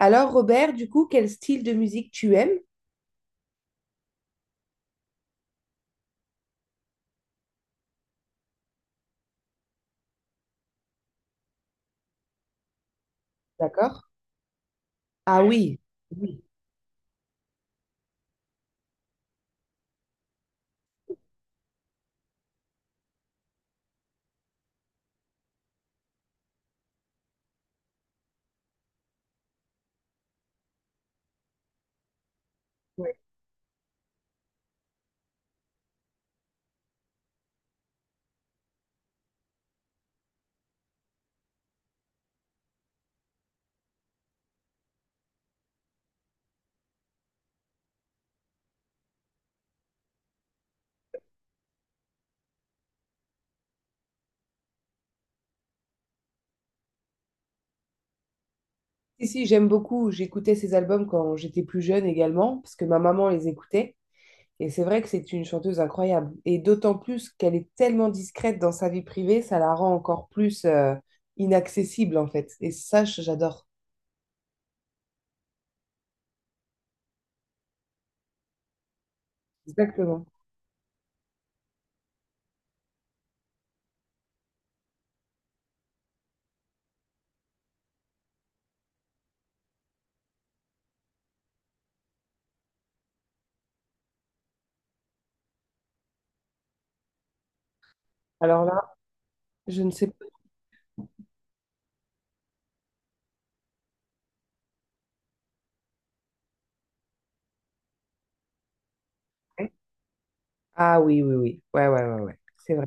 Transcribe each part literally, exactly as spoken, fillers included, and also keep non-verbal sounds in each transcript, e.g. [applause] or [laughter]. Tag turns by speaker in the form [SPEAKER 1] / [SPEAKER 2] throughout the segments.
[SPEAKER 1] Alors, Robert, du coup, quel style de musique tu aimes? D'accord. Ah oui. Oui. Si, si, j'aime beaucoup. J'écoutais ces albums quand j'étais plus jeune également, parce que ma maman les écoutait. Et c'est vrai que c'est une chanteuse incroyable. Et d'autant plus qu'elle est tellement discrète dans sa vie privée, ça la rend encore plus euh, inaccessible en fait. Et ça, je- j'adore. Exactement. Alors là, je ne sais pas. Ah oui, oui, oui. Ouais, ouais, ouais, ouais. C'est vrai.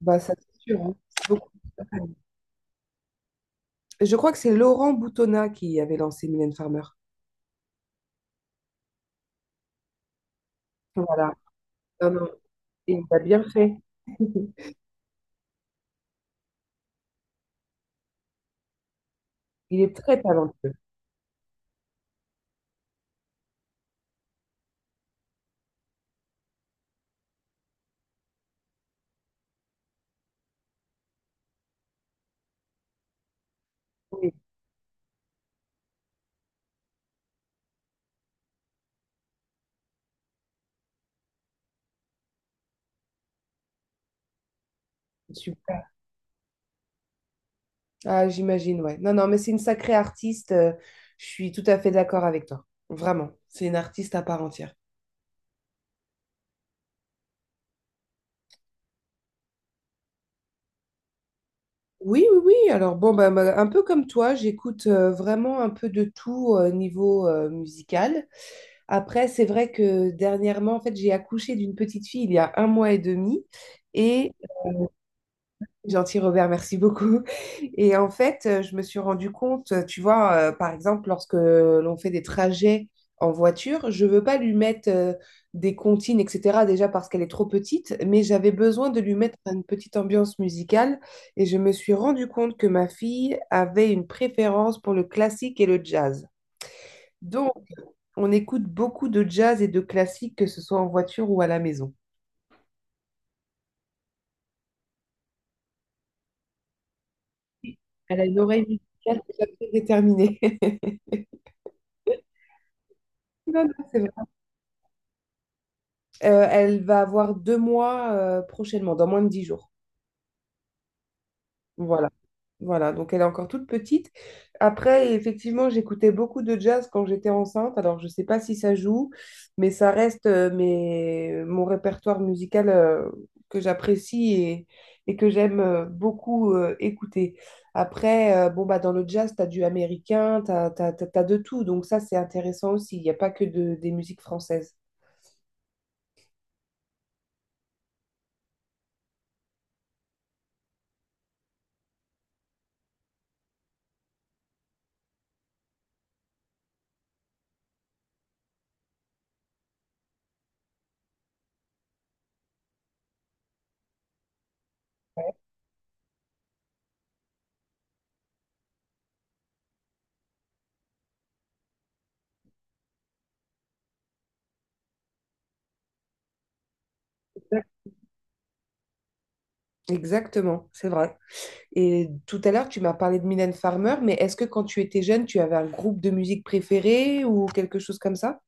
[SPEAKER 1] Bah, ça, c'est sûr, hein. C'est Je crois que c'est Laurent Boutonnat qui avait lancé Mylène Farmer. Voilà. Non, non, il a bien fait. [laughs] Il est très talentueux. Oui, super. Ah, j'imagine, ouais. Non, non, mais c'est une sacrée artiste, euh, je suis tout à fait d'accord avec toi. Vraiment. C'est une artiste à part entière. Oui, oui, oui. Alors, bon, bah, bah, un peu comme toi, j'écoute euh, vraiment un peu de tout euh, niveau euh, musical. Après, c'est vrai que dernièrement, en fait, j'ai accouché d'une petite fille il y a un mois et demi. Et Gentil Robert, merci beaucoup. Et en fait, euh, je me suis rendu compte, euh, tu vois, euh, par exemple, lorsque l'on fait des trajets en voiture, je veux pas lui mettre euh, des comptines, et cetera, déjà parce qu'elle est trop petite, mais j'avais besoin de lui mettre une petite ambiance musicale. Et je me suis rendu compte que ma fille avait une préférence pour le classique et le jazz. Donc, on écoute beaucoup de jazz et de classique, que ce soit en voiture ou à la maison. Elle a une oreille musicale déjà très déterminée. [laughs] Non, non, c'est Euh, elle va avoir deux mois euh, prochainement, dans moins de dix jours. Voilà. Voilà, donc elle est encore toute petite. Après, effectivement, j'écoutais beaucoup de jazz quand j'étais enceinte. Alors, je ne sais pas si ça joue, mais ça reste euh, mes- mon répertoire musical euh, que j'apprécie, et, et que j'aime euh, beaucoup euh, écouter. Après, euh, bon, bah, dans le jazz, tu as du américain, tu as de tout. Donc ça, c'est intéressant aussi. Il n'y a pas que de- des musiques françaises. Exactement, c'est vrai. Et tout à l'heure, tu m'as parlé de Mylène Farmer, mais est-ce que quand tu étais jeune, tu avais un groupe de musique préféré ou quelque chose comme ça?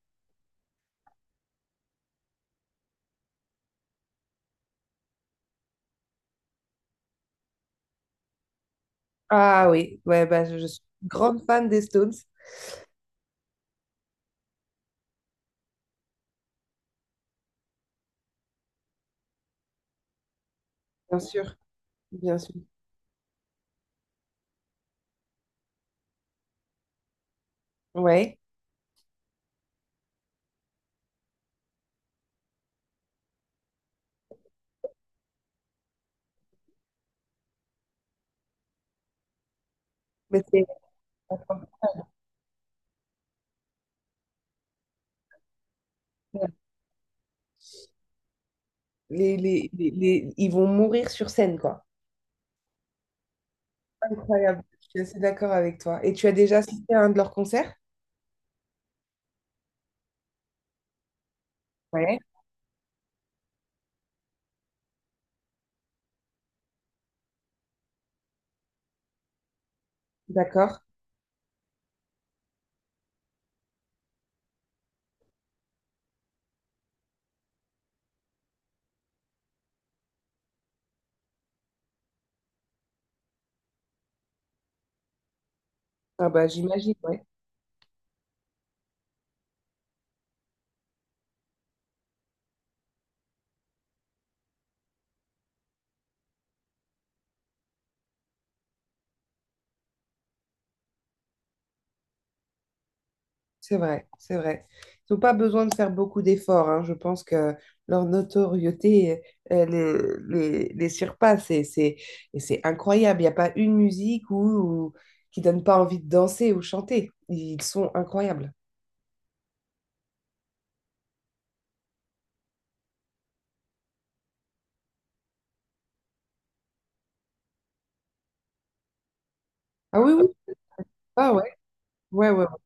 [SPEAKER 1] Ah oui, ouais, bah, je je suis grande fan des Stones, bien sûr, bien sûr. Ouais, mais c'est- les, les, les- les- ils vont mourir sur scène, quoi. Incroyable, je suis assez d'accord avec toi. Et tu as déjà assisté à un de leurs concerts? Ouais. D'accord. Ah bah j'imagine, ouais. C'est vrai, c'est vrai. Ils n'ont pas besoin de faire beaucoup d'efforts, hein. Je pense que leur notoriété euh, les, les, les surpasse et c'est et c'est incroyable. Il n'y a pas une musique où, où- qui donne pas envie de danser ou chanter. Ils sont incroyables. Ah oui, oui. Ah ouais. Ouais, ouais, ouais.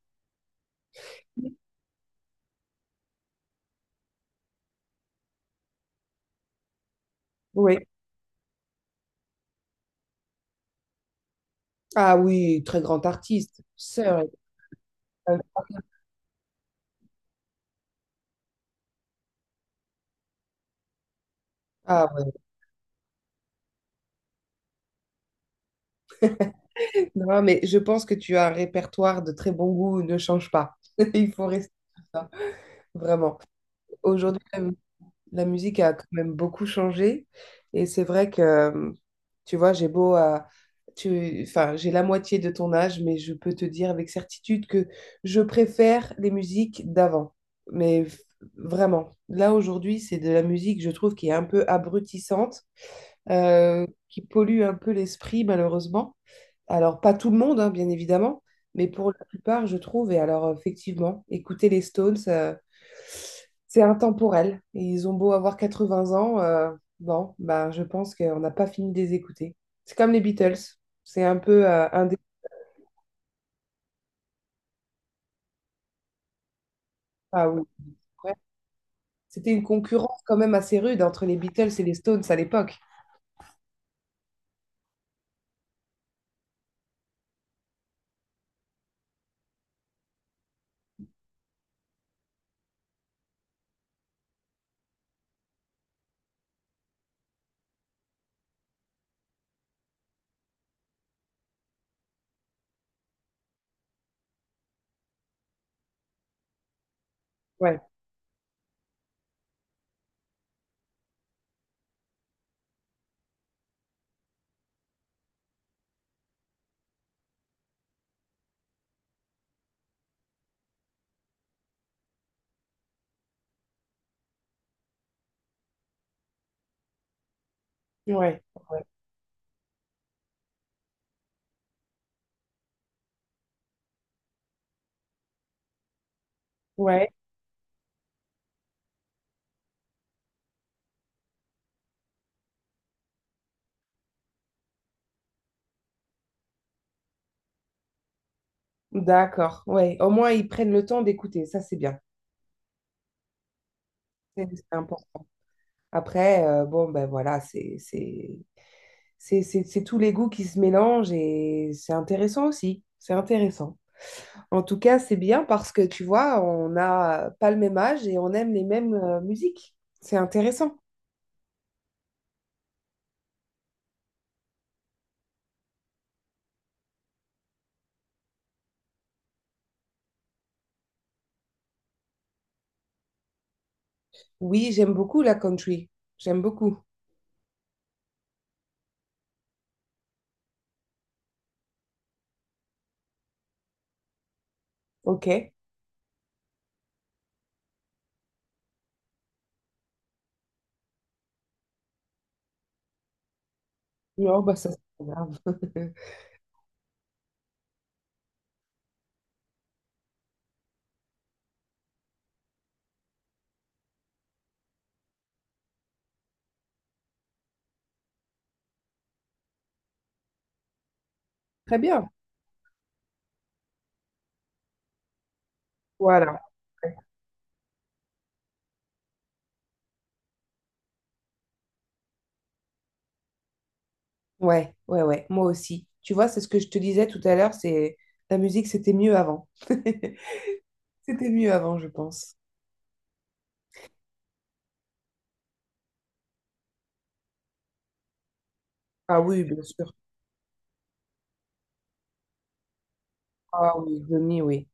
[SPEAKER 1] Ouais. Ah oui, très grand artiste. Sœur. Est Ah ouais. Non, mais je pense que tu as un répertoire de très bon goût. Ne change pas. [laughs] Il faut rester comme ça, vraiment. Aujourd'hui, la musique a quand même beaucoup changé. Et c'est vrai que, tu vois, j'ai beau à... Tu... Enfin, j'ai la moitié de ton âge, mais je peux te dire avec certitude que je préfère les musiques d'avant. Mais v- Vraiment, là aujourd'hui, c'est de la musique, je trouve, qui est un peu abrutissante, euh, qui pollue un peu l'esprit, malheureusement. Alors, pas tout le monde, hein, bien évidemment, mais pour la plupart, je trouve. Et alors, effectivement, écouter les Stones, euh, c'est intemporel. Et ils ont beau avoir quatre-vingts ans, euh, bon, ben, je pense qu'on n'a pas fini de les écouter. C'est comme les Beatles. C'est un peu euh, un des. Ah oui. Ouais. C'était une concurrence quand même assez rude entre les Beatles et les Stones à l'époque. Ouais, ouais, ouais. Ouais, d'accord. Ouais, au moins ils prennent le temps d'écouter, ça c'est bien. C'est c'est important. Après, euh, bon, ben voilà, c'est c'est- c'est c'est- c'est tous les goûts qui se mélangent et c'est intéressant aussi. C'est intéressant. En tout cas, c'est bien parce que tu vois, on n'a pas le même âge et on aime les mêmes euh, musiques. C'est intéressant. Oui, j'aime beaucoup la country. J'aime beaucoup. Ok. Non, bah ça, c'est pas grave. [laughs] Très bien. Voilà. Ouais, ouais, ouais. Moi aussi. Tu vois, c'est ce que je te disais tout à l'heure, c'est la musique, c'était mieux avant. [laughs] C'était mieux avant, je pense. Ah oui, bien sûr. Ah oui, Johnny, oui.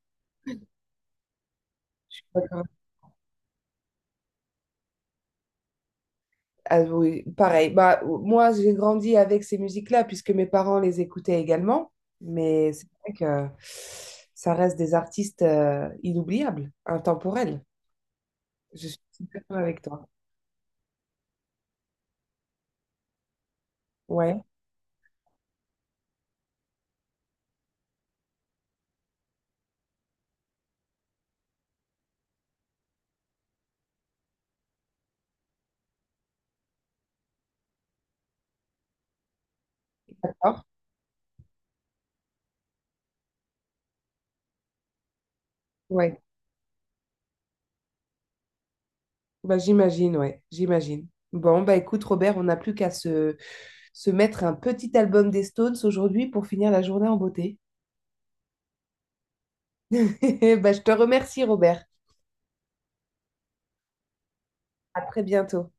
[SPEAKER 1] Je suis d'accord. Ah oui, pareil. Bah, moi, j'ai grandi avec ces musiques-là puisque mes parents les écoutaient également. Mais c'est vrai que ça reste des artistes euh, inoubliables, intemporels. Je suis tout à fait d'accord avec toi. Ouais, d'accord. Ouais. Bah, j'imagine, ouais, j'imagine. Bon, bah écoute, Robert, on n'a plus qu'à se, se mettre un petit album des Stones aujourd'hui pour finir la journée en beauté. [laughs] Bah, je te remercie, Robert. À très bientôt.